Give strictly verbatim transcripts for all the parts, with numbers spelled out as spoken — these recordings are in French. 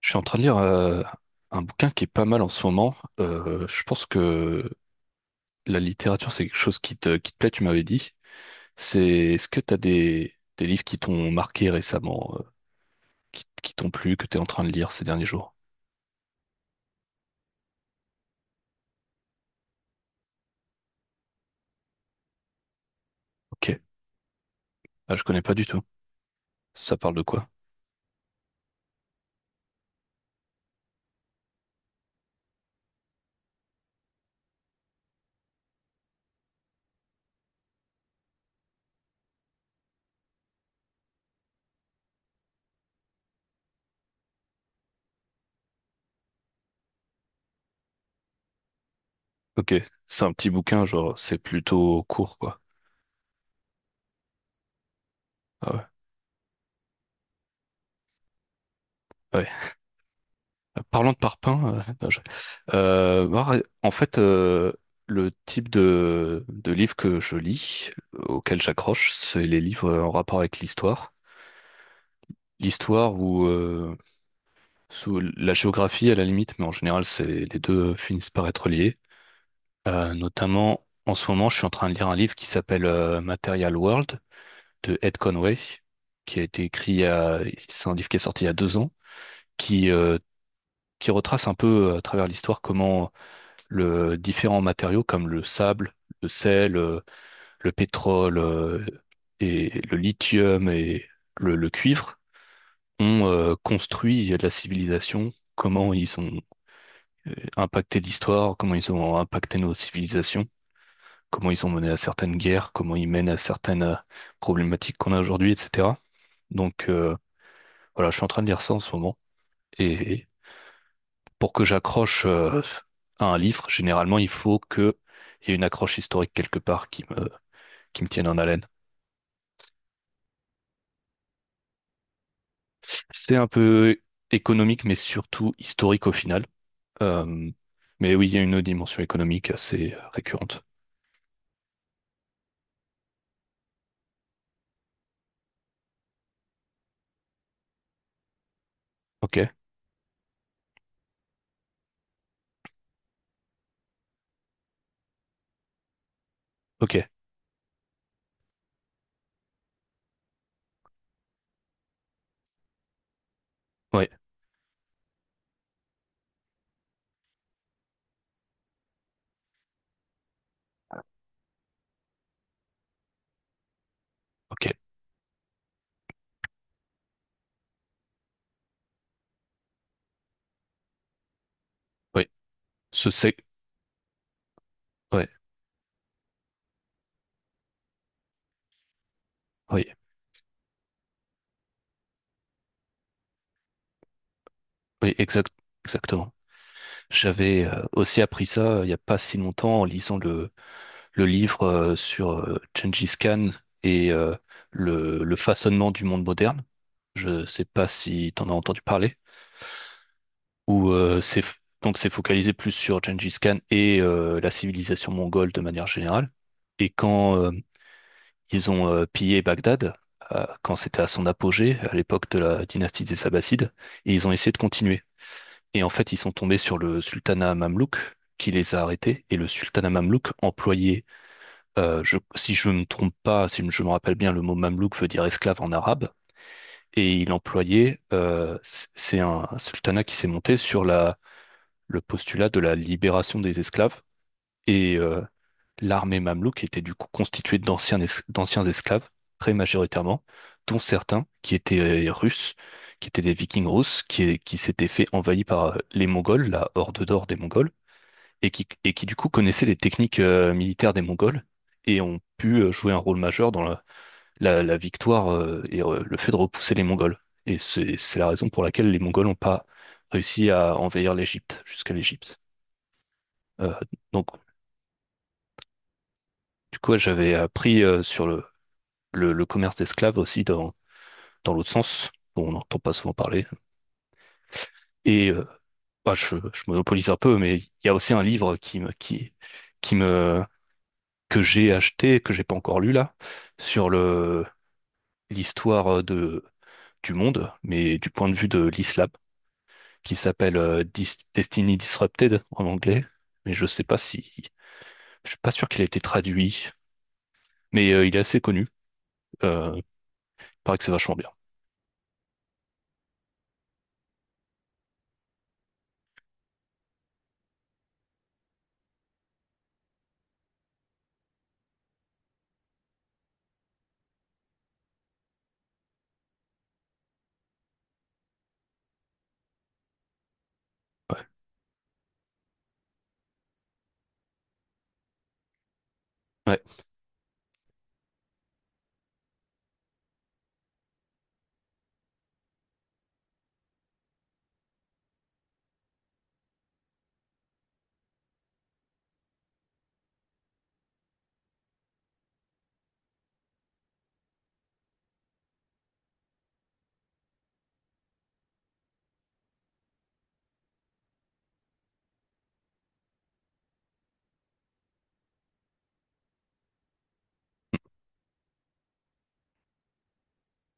Je suis en train de lire euh, un bouquin qui est pas mal en ce moment. Euh, je pense que la littérature, c'est quelque chose qui te, qui te plaît, tu m'avais dit. C'est, Est-ce que tu as des, des livres qui t'ont marqué récemment, euh, qui, qui t'ont plu, que tu es en train de lire ces derniers jours? Ok. Ah, je connais pas du tout. Ça parle de quoi? Ok. C'est un petit bouquin, genre, c'est plutôt court, quoi. Ah ouais. Ouais. Parlant de parpaing, euh, non, je- euh, bah, en fait, euh, le type de, de livre que je lis, auquel j'accroche, c'est les livres en rapport avec l'histoire. L'histoire ou euh, sous la géographie à la limite, mais en général, c'est, les deux finissent par être liés. Euh, notamment, en ce moment, je suis en train de lire un livre qui s'appelle euh, Material World de Ed Conway, qui a été écrit, il y a- c'est un livre qui est sorti il y a deux ans, qui, euh, qui retrace un peu à travers l'histoire comment le différents matériaux comme le sable, le sel, euh, le, pétrole euh, et le lithium et le, le cuivre ont euh, construit la civilisation, comment ils ont euh, impacté l'histoire, comment ils ont impacté nos civilisations, comment ils ont mené à certaines guerres, comment ils mènent à certaines euh, problématiques qu'on a aujourd'hui, et cetera. Donc, euh, voilà, je suis en train de lire ça en ce moment. Et pour que j'accroche euh, à un livre, généralement, il faut que il y ait une accroche historique quelque part qui me, qui me tiennent en haleine. C'est un peu économique, mais surtout historique au final. Euh, mais oui, il y a une dimension économique assez récurrente. Ok, ok, oui, ok, oui. Ce c'est, ouais, oui, oui, exact, exactement. J'avais euh, aussi appris ça euh, il n'y a pas si longtemps en lisant le, le livre euh, sur euh, Gengis Khan et euh, le, le façonnement du monde moderne. Je sais pas si tu en as entendu parler. Où euh, c'est donc c'est focalisé plus sur Gengis Khan et euh, la civilisation mongole de manière générale. Et quand euh, ils ont euh, pillé Bagdad, euh, quand c'était à son apogée, à l'époque de la dynastie des Abbassides, et ils ont essayé de continuer. Et en fait, ils sont tombés sur le sultanat mamelouk qui les a arrêtés. Et le sultanat mamelouk employait, euh, je- si je ne me trompe pas, si je me rappelle bien, le mot mamelouk veut dire esclave en arabe. Et il employait, euh, c- c'est un un sultanat qui s'est monté sur la, le postulat de la libération des esclaves. Et euh, l'armée mamelouk était du coup constituée d'anciens es- d'anciens esclaves, très majoritairement, dont certains qui étaient euh, russes, qui étaient des vikings russes, qui, qui s'étaient fait envahir par euh, les Mongols, la horde d'or des Mongols, et qui, et qui du coup connaissaient les techniques euh, militaires des Mongols et ont pu euh, jouer un rôle majeur dans la, la- la victoire euh, et euh, le fait de repousser les Mongols. Et c'est c'est la raison pour laquelle les Mongols n'ont pas réussi à envahir l'Égypte, jusqu'à l'Égypte. Euh, donc, du coup, j'avais appris euh, sur le, le, le commerce d'esclaves aussi dans, dans l'autre sens, dont on n'entend pas souvent parler. Et euh, bah, je, je monopolise un peu, mais il y a aussi un livre qui me, qui, qui me, que j'ai acheté, que j'ai pas encore lu là, sur le, l'histoire euh, de, du monde, mais du point de vue de l'islam, qui s'appelle euh, Dis- Destiny Disrupted en anglais. Mais je sais pas si, je suis pas sûr qu'il a été traduit, mais euh, il est assez connu. Euh, Paraît que c'est vachement bien. Ouais, ouais,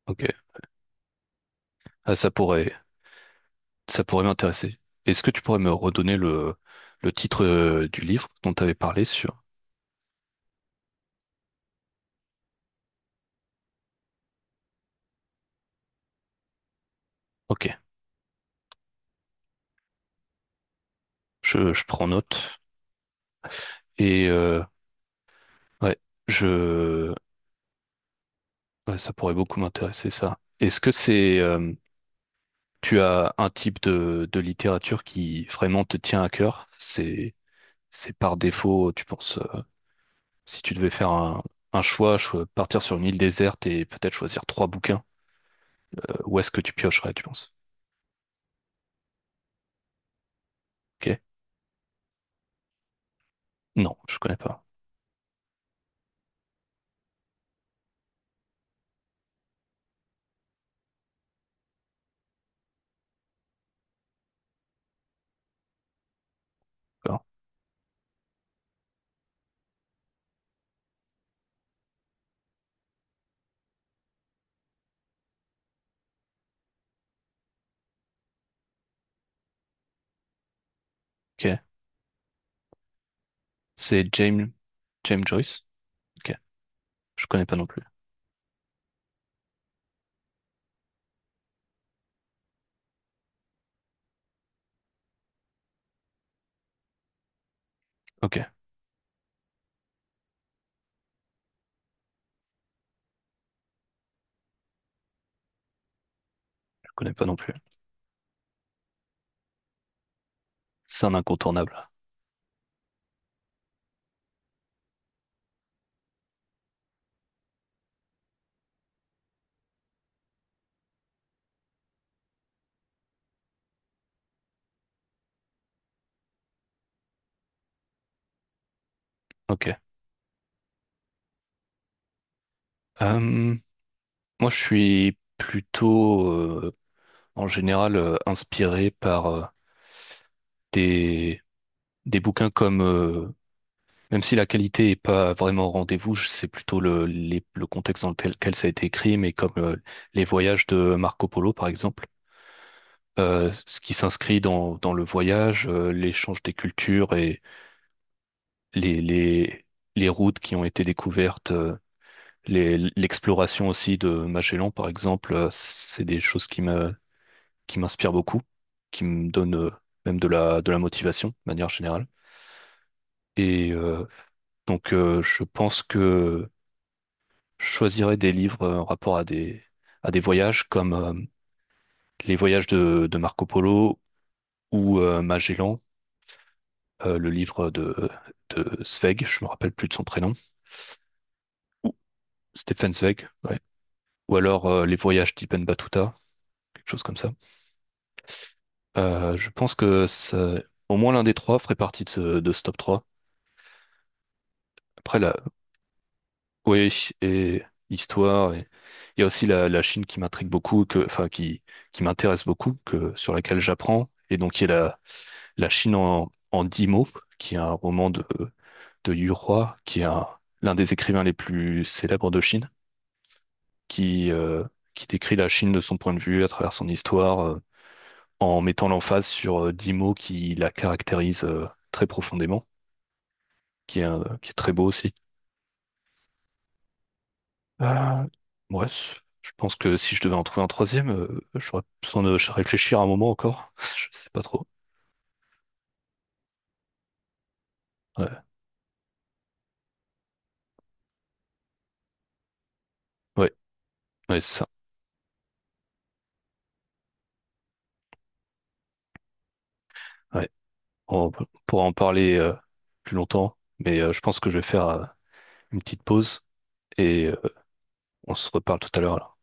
ok. Ah, ça pourrait, ça pourrait m'intéresser. Est-ce que tu pourrais me redonner le, le titre euh, du livre dont tu avais parlé sur... Ok, je, je prends note. Et euh, ouais, je... ouais, ça pourrait beaucoup m'intéresser, ça. Est-ce que c'est... euh, tu as un type de, de littérature qui vraiment te tient à cœur. C'est, c'est par défaut, tu penses, euh, si tu devais faire un, un choix, cho- partir sur une île déserte et peut-être choisir trois bouquins, euh, où est-ce que tu piocherais, tu penses? Ok. Non, je connais pas. D'accord. Ok. C'est James, James Joyce. Ok. Je connais pas non plus. Ok. Je connais pas non plus. C'est un incontournable. Ok. Euh, Moi, je suis plutôt, euh, en général, euh, inspiré par euh, des des bouquins comme, euh, même si la qualité est pas vraiment au rendez-vous, je- c'est plutôt le, les- le contexte dans lequel ça a été écrit, mais comme euh, les voyages de Marco Polo, par exemple, euh, ce qui s'inscrit dans, dans le voyage, euh, l'échange des cultures et les, les, les routes qui ont été découvertes, euh, les- l'exploration aussi de Magellan, par exemple, euh, c'est des choses qui me, qui m'inspirent beaucoup, qui me donnent euh, même de la, de la motivation, de manière générale. Et euh, donc, euh, je pense que Je choisirais des livres euh, en rapport à des, à des voyages comme euh, les voyages de, de Marco Polo ou euh, Magellan, euh, le livre de, de Zweig, je me rappelle plus de son prénom, Stefan Zweig, ouais. Ou alors euh, les voyages d'Ibn Battuta, quelque chose comme ça. Euh, je pense que ça- au moins l'un des trois ferait partie de ce, de ce top trois. Après, la, oui, et histoire, et il y a aussi la, la Chine qui m'intrigue beaucoup, que, enfin, qui, qui m'intéresse beaucoup, que, sur laquelle j'apprends, et donc qui est la, La Chine en, en dix mots, qui est un roman de, de Yu Hua, qui est un- l'un des écrivains les plus célèbres de Chine, qui, euh, qui décrit la Chine de son point de vue à travers son histoire, euh, en mettant l'emphase sur euh, dix mots qui la caractérisent euh, très profondément, qui est, un- qui est très beau aussi. Euh, ouais, c- je pense que si je devais en trouver un troisième, euh, j'aurais besoin de réfléchir un moment encore. Je sais pas trop. Ouais, ouais, ouais, c'est ça. Ouais. On p- pourra en parler euh, plus longtemps, mais euh, je pense que je vais faire euh, une petite pause et euh, on se reparle tout à l'heure, alors.